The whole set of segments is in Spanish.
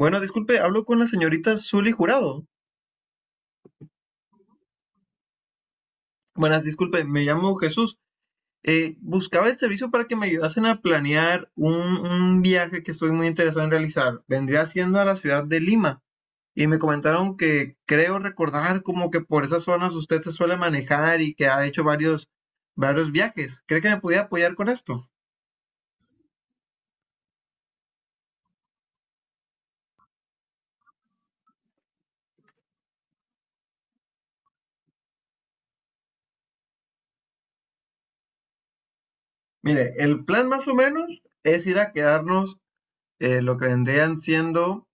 Bueno, disculpe, hablo con la señorita Zully Jurado. Buenas, disculpe, me llamo Jesús. Buscaba el servicio para que me ayudasen a planear un viaje que estoy muy interesado en realizar. Vendría siendo a la ciudad de Lima y me comentaron que creo recordar como que por esas zonas usted se suele manejar y que ha hecho varios viajes. ¿Cree que me podía apoyar con esto? Mire, el plan más o menos es ir a quedarnos lo que vendrían siendo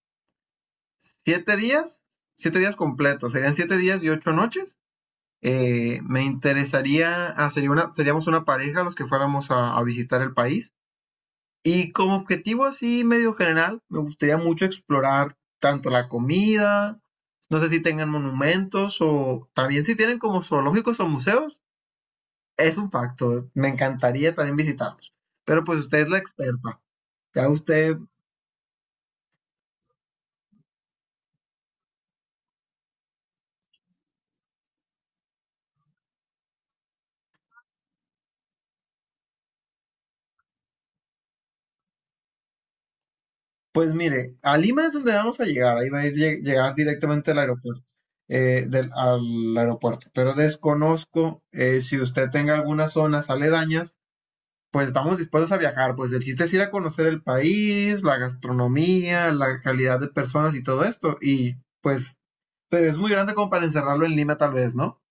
siete días, 7 días completos. Serían 7 días y 8 noches. Me interesaría, ah, sería una, Seríamos una pareja los que fuéramos a visitar el país. Y como objetivo así medio general, me gustaría mucho explorar tanto la comida, no sé si tengan monumentos o también si tienen como zoológicos o museos, es un facto. Me encantaría también visitarlos. Pero pues usted es la experta. Ya usted... Pues mire, a Lima es donde vamos a llegar, ahí va a ir, llegar directamente al aeropuerto, al aeropuerto, pero desconozco si usted tenga algunas zonas aledañas, pues estamos dispuestos a viajar, pues el chiste es ir a conocer el país, la gastronomía, la calidad de personas y todo esto, pues, pero es muy grande como para encerrarlo en Lima tal vez, ¿no?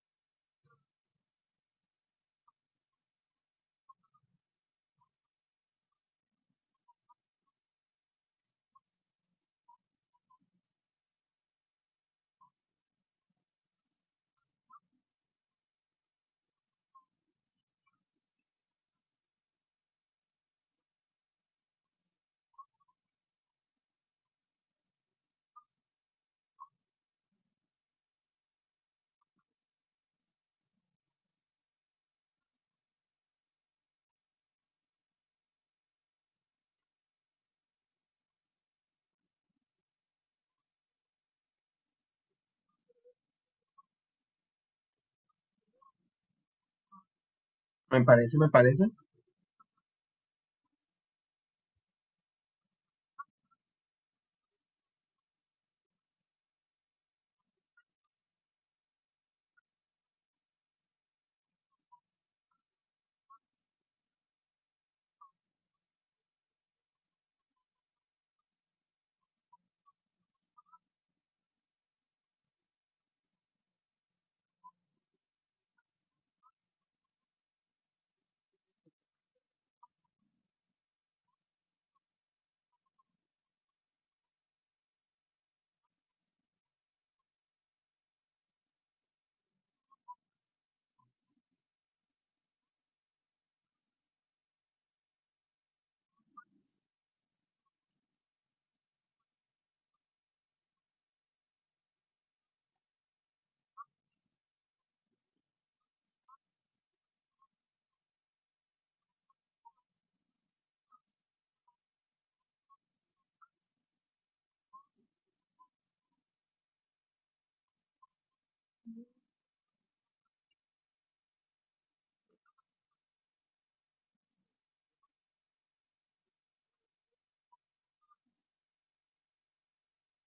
Me parece, me parece.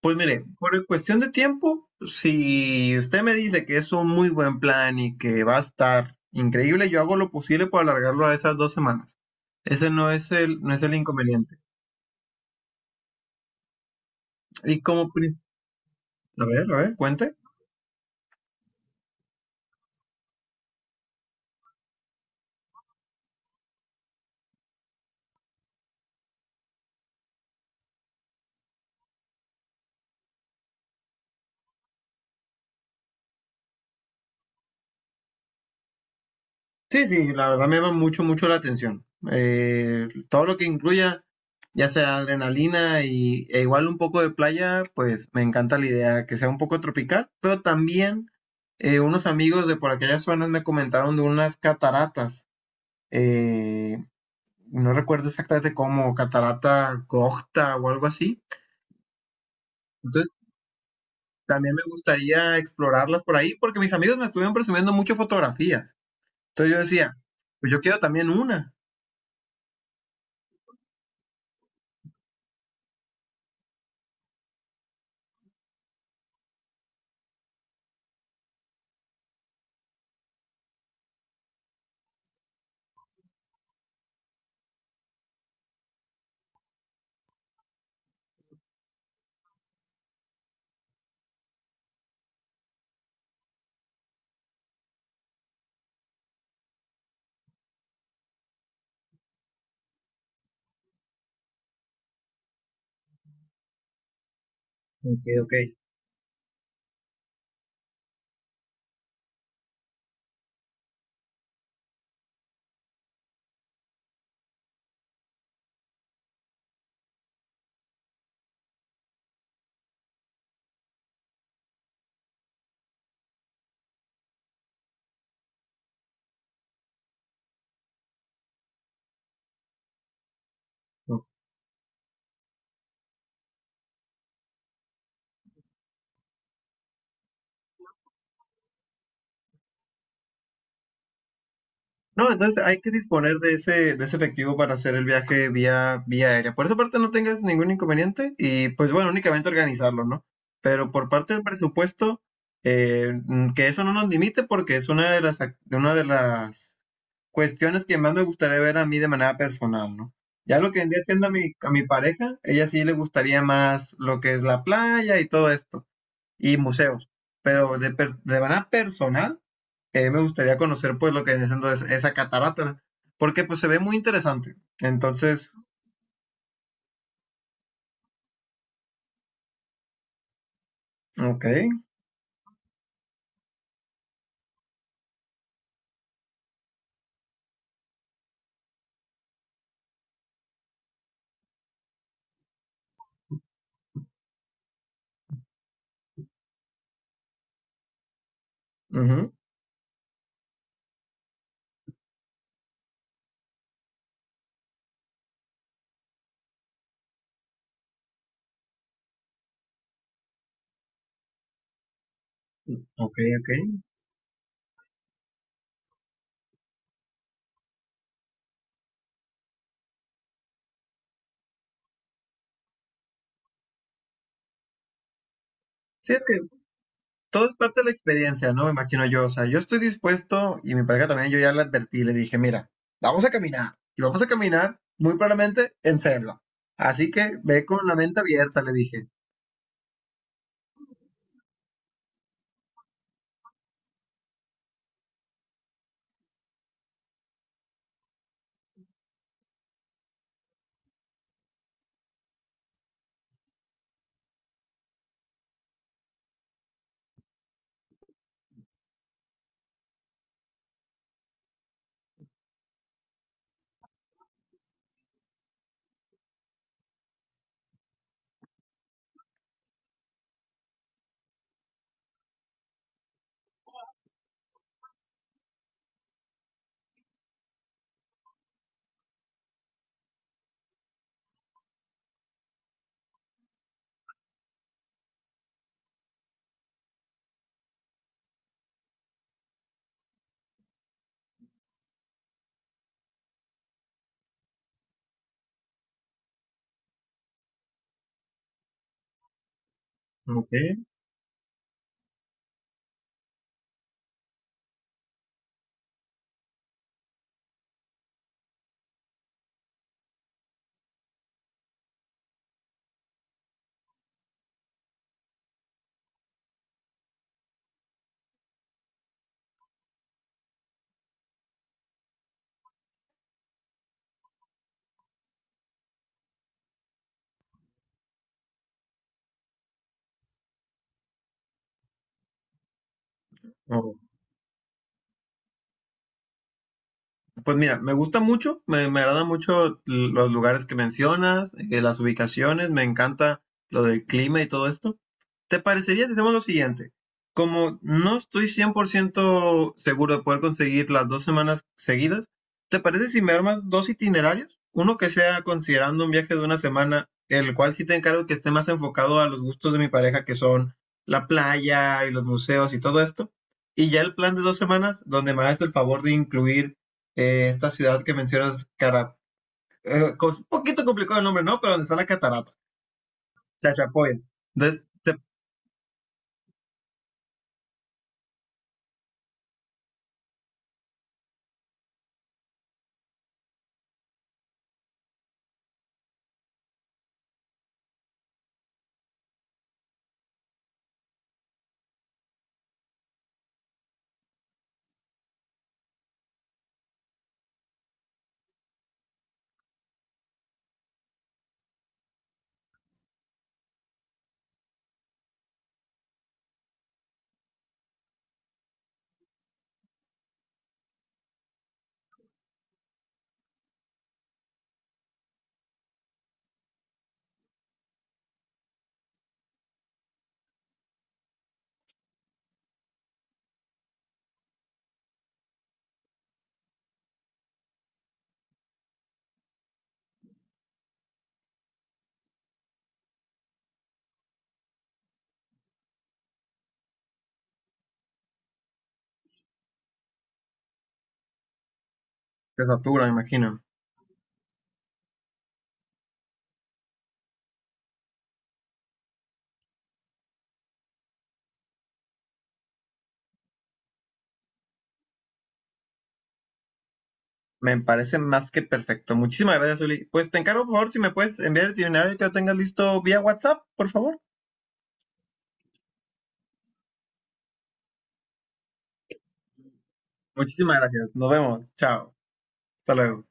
Pues mire, por cuestión de tiempo, si usted me dice que es un muy buen plan y que va a estar increíble, yo hago lo posible por alargarlo a esas 2 semanas. Ese no es no es el inconveniente. Y como, pri- a ver, a ver, cuente. Sí, sí, la verdad me llama mucho, mucho la atención. Todo lo que incluya, ya sea adrenalina e igual un poco de playa, pues me encanta la idea que sea un poco tropical, pero también unos amigos de por aquellas zonas me comentaron de unas cataratas, eh, no recuerdo exactamente cómo, catarata Gocta o algo así. Entonces, también me gustaría explorarlas por ahí, porque mis amigos me estuvieron presumiendo mucho fotografías. Entonces yo decía, pues yo quiero también una. Ok, ok. No, entonces hay que disponer de de ese efectivo para hacer el viaje vía aérea. Por esa parte no tengas ningún inconveniente y pues bueno, únicamente organizarlo, ¿no? Pero por parte del presupuesto, que eso no nos limite porque es una de una de las cuestiones que más me gustaría ver a mí de manera personal, ¿no? Ya lo que vendría siendo a a mi pareja, ella sí le gustaría más lo que es la playa y todo esto, y museos. Pero de manera personal, me gustaría conocer pues lo que viene siendo esa catarata, porque pues se ve muy interesante. Entonces, ok, ujú, ok, ok. Sí, es que todo es parte de la experiencia, ¿no? Me imagino yo, o sea, yo estoy dispuesto y mi pareja también, yo ya le advertí, le dije, mira, vamos a caminar y vamos a caminar muy probablemente en selva. Así que ve con la mente abierta, le dije. Ok. Oh, pues mira, me gusta mucho, me agrada mucho los lugares que mencionas, las ubicaciones, me encanta lo del clima y todo esto. ¿Te parecería que hacemos lo siguiente? Como no estoy 100% seguro de poder conseguir las dos semanas seguidas, ¿te parece si me armas 2 itinerarios? Uno que sea considerando un viaje de una semana, el cual sí te encargo que esté más enfocado a los gustos de mi pareja, que son la playa y los museos y todo esto. Y ya el plan de 2 semanas, donde me hagas el favor de incluir esta ciudad que mencionas, cara, un poquito complicado el nombre, ¿no? Pero donde está la catarata, Chachapoyas. Entonces, te satura, me imagino, ¿no? Me parece más que perfecto. Muchísimas gracias, Uli. Pues te encargo, por favor, si me puedes enviar el itinerario que lo tengas listo vía WhatsApp, por favor. Muchísimas gracias. Nos vemos. Chao. Hasta luego.